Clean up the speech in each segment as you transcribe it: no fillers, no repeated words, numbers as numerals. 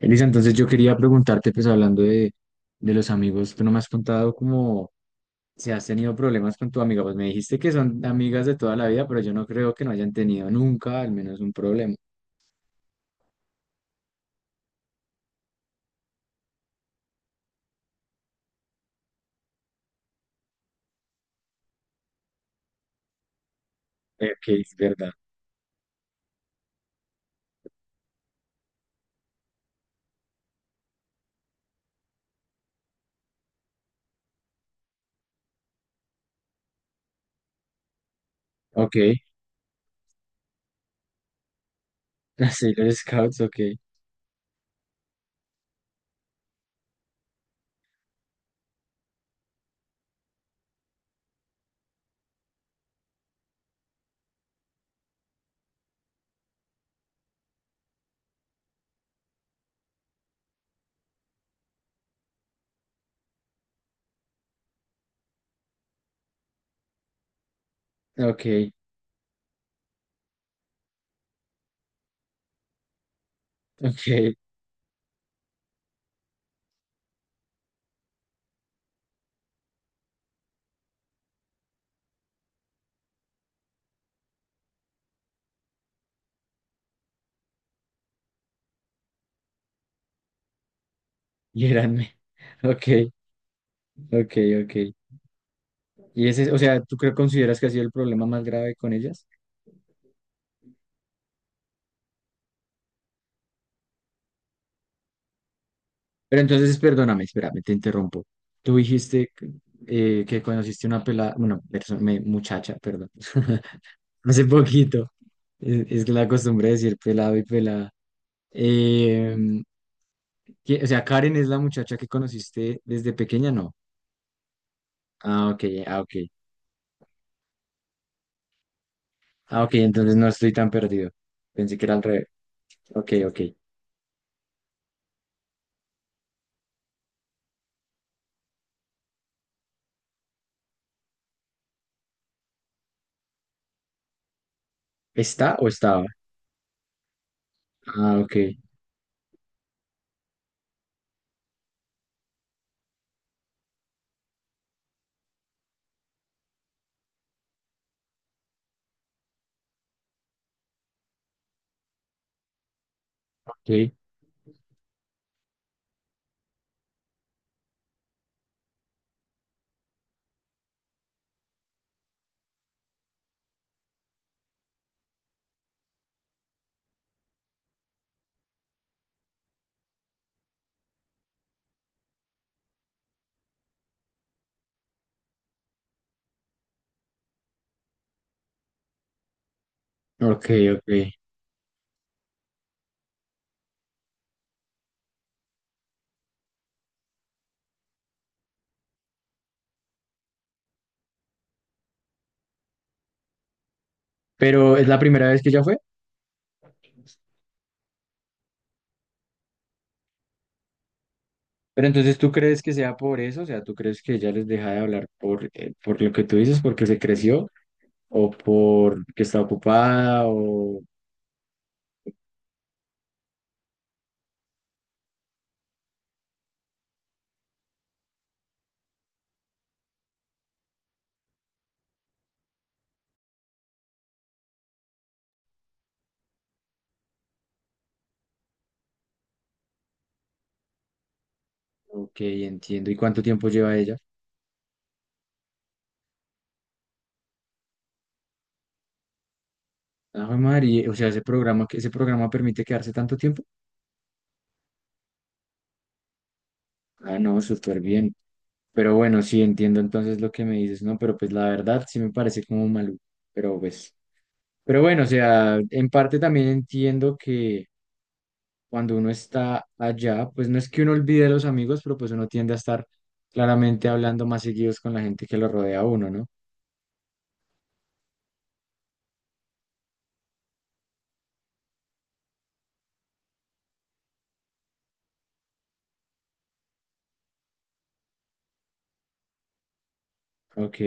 Elisa, entonces yo quería preguntarte, pues hablando de los amigos, tú no me has contado cómo si has tenido problemas con tu amiga, pues me dijiste que son amigas de toda la vida, pero yo no creo que no hayan tenido nunca al menos un problema. Ok, es verdad. Ok, sí, los Sailor Scouts. Ok. Ok. Ok. y eran me- ok. Ok. Ok. Y ese, o sea, consideras que ha sido el problema más grave con ellas? Pero entonces, perdóname, espérame, te interrumpo. Tú dijiste que que conociste una pelada, bueno, persona muchacha, perdón, hace poquito. Es que la costumbre de decir pelado y pelada. Em, o sea, Karen es la muchacha que conociste desde pequeña, ¿no? Ah, ok. Ah, ok. Ah, ok, entonces no estoy tan perdido. Pensé que era al revés. Ok. Ok. ¿Está o estaba? Ah, ok. Ok. Ok. Ok. Pero es la primera vez que ella fue. Pero entonces, ¿tú crees que sea por eso? O sea, ¿tú crees que ella les deja de hablar por, por lo que tú dices, porque se creció, o por que está ocupada. O Ok, entiendo. ¿Y cuánto tiempo lleva ella? Ah, jue María, o sea, ese programa, que ese programa permite quedarse tanto tiempo. Ah, no, súper bien. Pero bueno, sí, entiendo entonces lo que me dices, ¿no? Pero pues la verdad sí me parece como maluco. Pero pues, pero bueno, o sea, en parte también entiendo cuando uno está allá, pues no es que uno olvide a los amigos, pero pues uno tiende a estar claramente hablando más seguidos con la gente que lo rodea a uno, ¿no? Ok.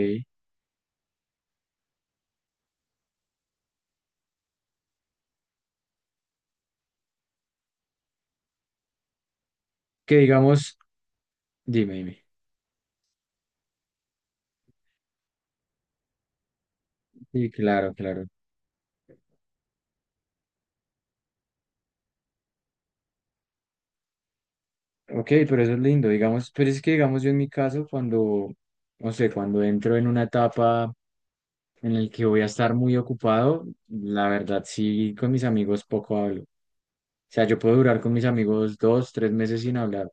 Que digamos, dime, dime. Sí, claro, claro. Ok, pero eso es lindo, digamos, pero es que digamos yo en mi caso, cuando, no sé, cuando entro en una etapa en la que voy a estar muy ocupado, la verdad sí, con mis amigos poco hablo. O sea, yo puedo durar con mis amigos dos, tres meses sin hablar.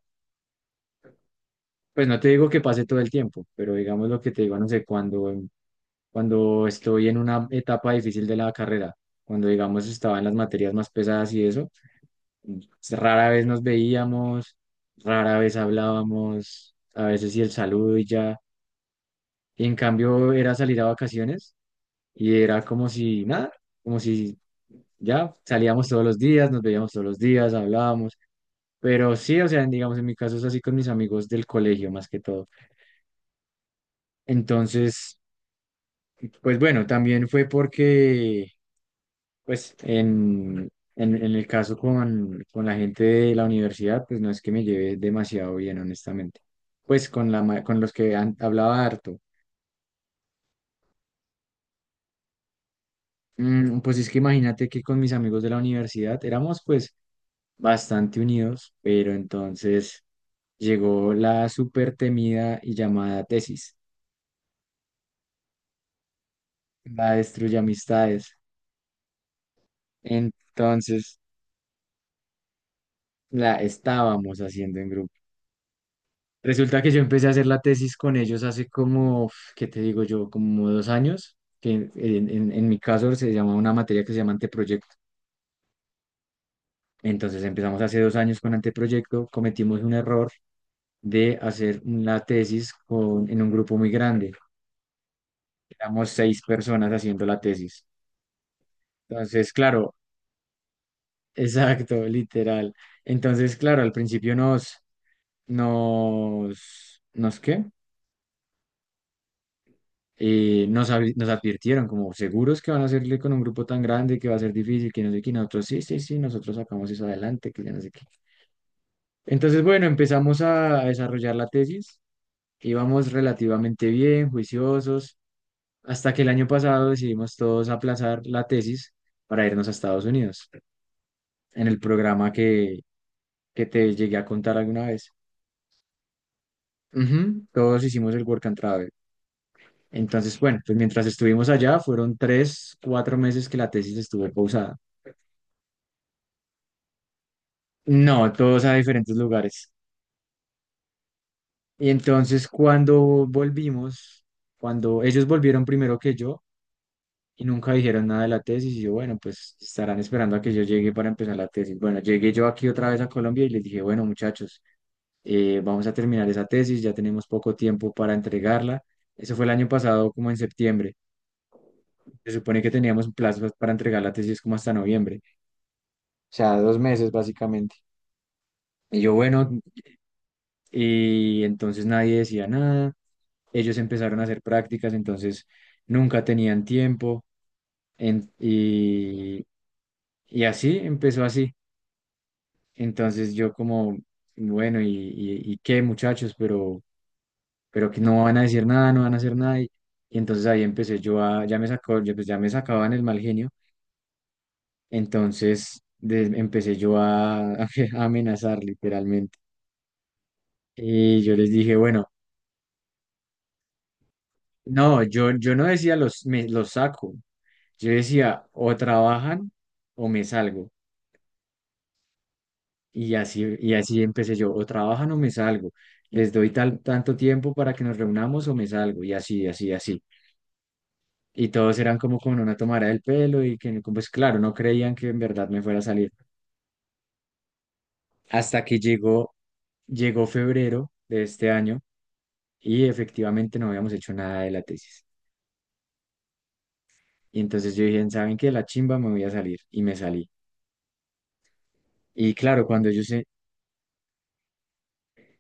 Pues no te digo que pase todo el tiempo, pero digamos lo que te digo, no sé, cuando estoy en una etapa difícil de la carrera, cuando digamos estaba en las materias más pesadas y eso, pues, rara vez nos veíamos, rara vez hablábamos, a veces y el saludo y ya. Y en cambio era salir a vacaciones y era como si nada, como si ya salíamos todos los días, nos veíamos todos los días, hablábamos. Pero sí, o sea, digamos, en mi caso es así con mis amigos del colegio más que todo. Entonces, pues bueno, también fue porque pues en, en el caso con la gente de la universidad, pues no es que me lleve demasiado bien, honestamente. Pues con los que hablaba harto. Pues es que imagínate que con mis amigos de la universidad éramos pues bastante unidos, pero entonces llegó la súper temida y llamada tesis, la destruye amistades. Entonces la estábamos haciendo en grupo. Resulta que yo empecé a hacer la tesis con ellos hace como, uf, ¿qué te digo yo? Como 2 años, que en, en mi caso se llama una materia que se llama anteproyecto. Entonces empezamos hace 2 años con anteproyecto, cometimos un error de hacer la tesis en un grupo muy grande. Éramos seis personas haciendo la tesis. Entonces, claro, exacto, literal. Entonces, claro, al principio ¿nos qué? Nos advirtieron como seguros que van a hacerle con un grupo tan grande que va a ser difícil, que no sé qué, y nosotros sí, sí, sí, nosotros sacamos eso adelante, que ya no sé qué. Entonces, bueno, empezamos a desarrollar la tesis, íbamos relativamente bien, juiciosos, hasta que el año pasado decidimos todos aplazar la tesis para irnos a Estados Unidos, en el programa que te llegué a contar alguna vez. Ujú, todos hicimos el Work and Travel. Entonces, bueno, pues mientras estuvimos allá, fueron tres, cuatro meses que la tesis estuvo pausada. No, todos a diferentes lugares. Y entonces cuando volvimos, cuando ellos volvieron primero que yo y nunca dijeron nada de la tesis, y yo, bueno, pues estarán esperando a que yo llegue para empezar la tesis. Bueno, llegué yo aquí otra vez a Colombia y les dije, bueno, muchachos, vamos a terminar esa tesis, ya tenemos poco tiempo para entregarla. Eso fue el año pasado, como en septiembre. Se supone que teníamos un plazo para entregar la tesis como hasta noviembre, o sea, 2 meses básicamente. Y yo, bueno, y entonces nadie decía nada. Ellos empezaron a hacer prácticas, entonces nunca tenían tiempo en- y, y así empezó así. Entonces yo como, bueno, ¿y qué muchachos? Pero que no van a decir nada, no van a hacer nada. Y entonces ahí empecé yo a, ya me sacó, ya, pues ya me sacaban el mal genio, entonces empecé yo a, a amenazar literalmente. Y yo les dije, bueno, no, yo no decía los saco, yo decía o trabajan o me salgo. Y así empecé yo, o trabajan o me salgo, les doy tanto tiempo para que nos reunamos o me salgo, y así, así, así. Y todos eran como con una tomada del pelo y que, pues claro, no creían que en verdad me fuera a salir. Hasta que llegó febrero de este año y efectivamente no habíamos hecho nada de la tesis. Y entonces yo dije, ¿saben qué? La chimba me voy a salir y me salí. Y claro, cuando ellos.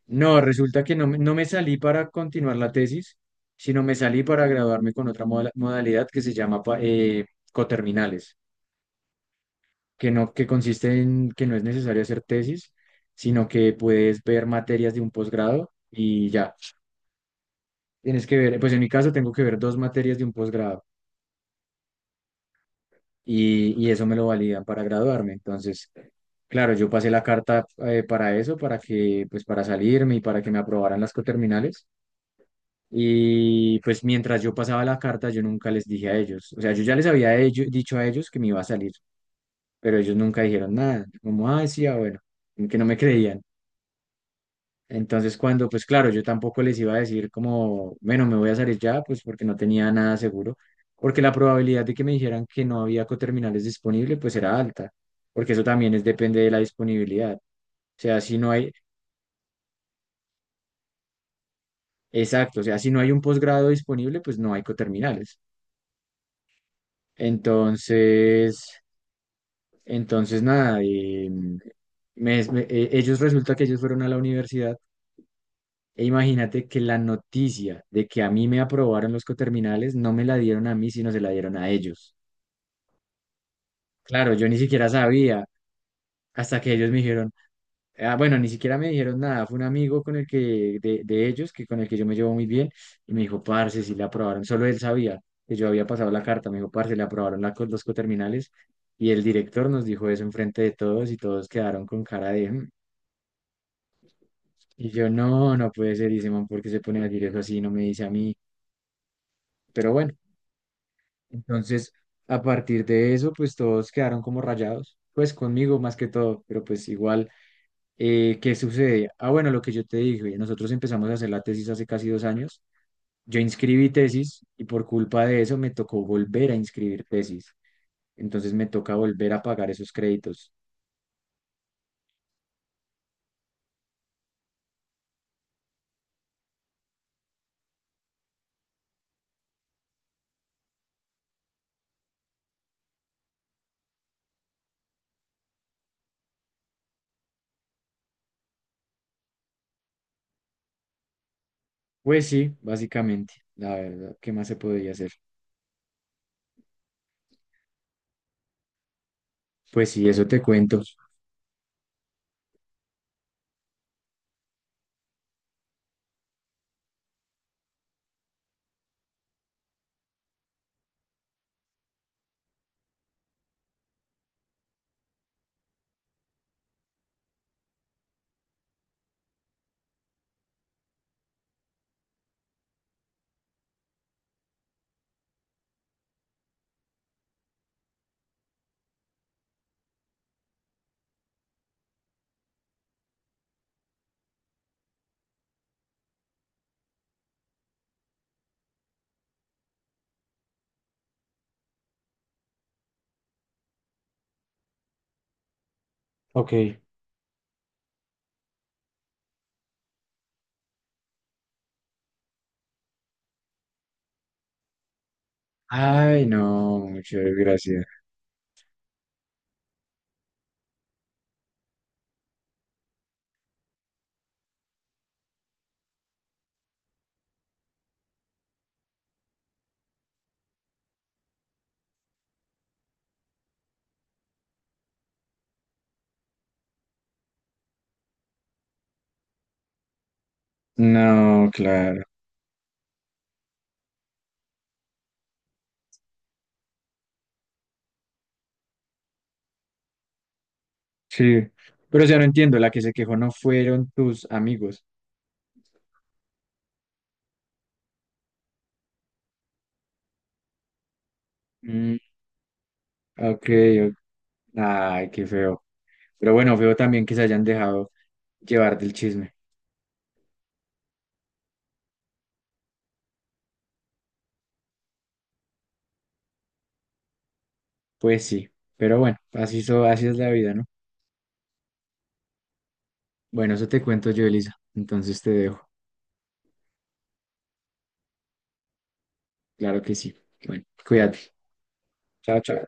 No, resulta que no, no me salí para continuar la tesis, sino me salí para graduarme con otra modalidad que se llama coterminales, que consiste en que no es necesario hacer tesis, sino que puedes ver materias de un posgrado y ya. Tienes que ver, pues en mi caso tengo que ver dos materias de un posgrado y eso me lo validan para graduarme. Entonces, claro, yo pasé la carta para eso, para salirme y para que me aprobaran las coterminales. Y pues mientras yo pasaba la carta, yo nunca les dije a ellos. O sea, yo ya les había dicho a ellos que me iba a salir, pero ellos nunca dijeron nada. Como, ah, sí, ah, bueno, como que no me creían. Entonces, cuando, pues claro, yo tampoco les iba a decir como, bueno, me voy a salir ya, pues porque no tenía nada seguro, porque la probabilidad de que me dijeran que no había coterminales disponible, pues era alta, porque eso también es depende de la disponibilidad. O sea, si no hay, exacto, o sea, si no hay un posgrado disponible, pues no hay coterminales. Entonces... Entonces, nada, ellos resulta que ellos fueron a la universidad e imagínate que la noticia de que a mí me aprobaron los coterminales no me la dieron a mí, sino se la dieron a ellos. Claro, yo ni siquiera sabía hasta que ellos me dijeron, ah, bueno, ni siquiera me dijeron nada, fue un amigo con el que, de ellos, que con el que yo me llevo muy bien, y me dijo, parce, si le aprobaron, solo él sabía que yo había pasado la carta, me dijo, parce, le aprobaron los coterminales, y el director nos dijo eso enfrente de todos y todos quedaron con cara de... "Mm". Y yo, no, no puede ser, dice, man, ¿porque se pone a decir eso así? No me dice a mí. Pero bueno, entonces, a partir de eso, pues todos quedaron como rayados, pues conmigo más que todo, pero pues igual, ¿qué sucede? Ah, bueno, lo que yo te dije, nosotros empezamos a hacer la tesis hace casi 2 años, yo inscribí tesis y por culpa de eso me tocó volver a inscribir tesis, entonces me toca volver a pagar esos créditos. Pues sí, básicamente, la verdad, ¿qué más se podría hacer? Pues sí, eso te cuento. Ok. Ay, no, muchas gracias. No, claro. Sí. Pero ya no entiendo, la que se quejó no fueron tus amigos. Mm, ok, o- ay, qué feo. Pero bueno, feo también que se hayan dejado llevar del chisme. Pues sí, pero bueno, así, so, así es la vida, ¿no? Bueno, eso te cuento yo, Elisa. Entonces te dejo. Claro que sí. Bueno, cuídate. Chao, chao.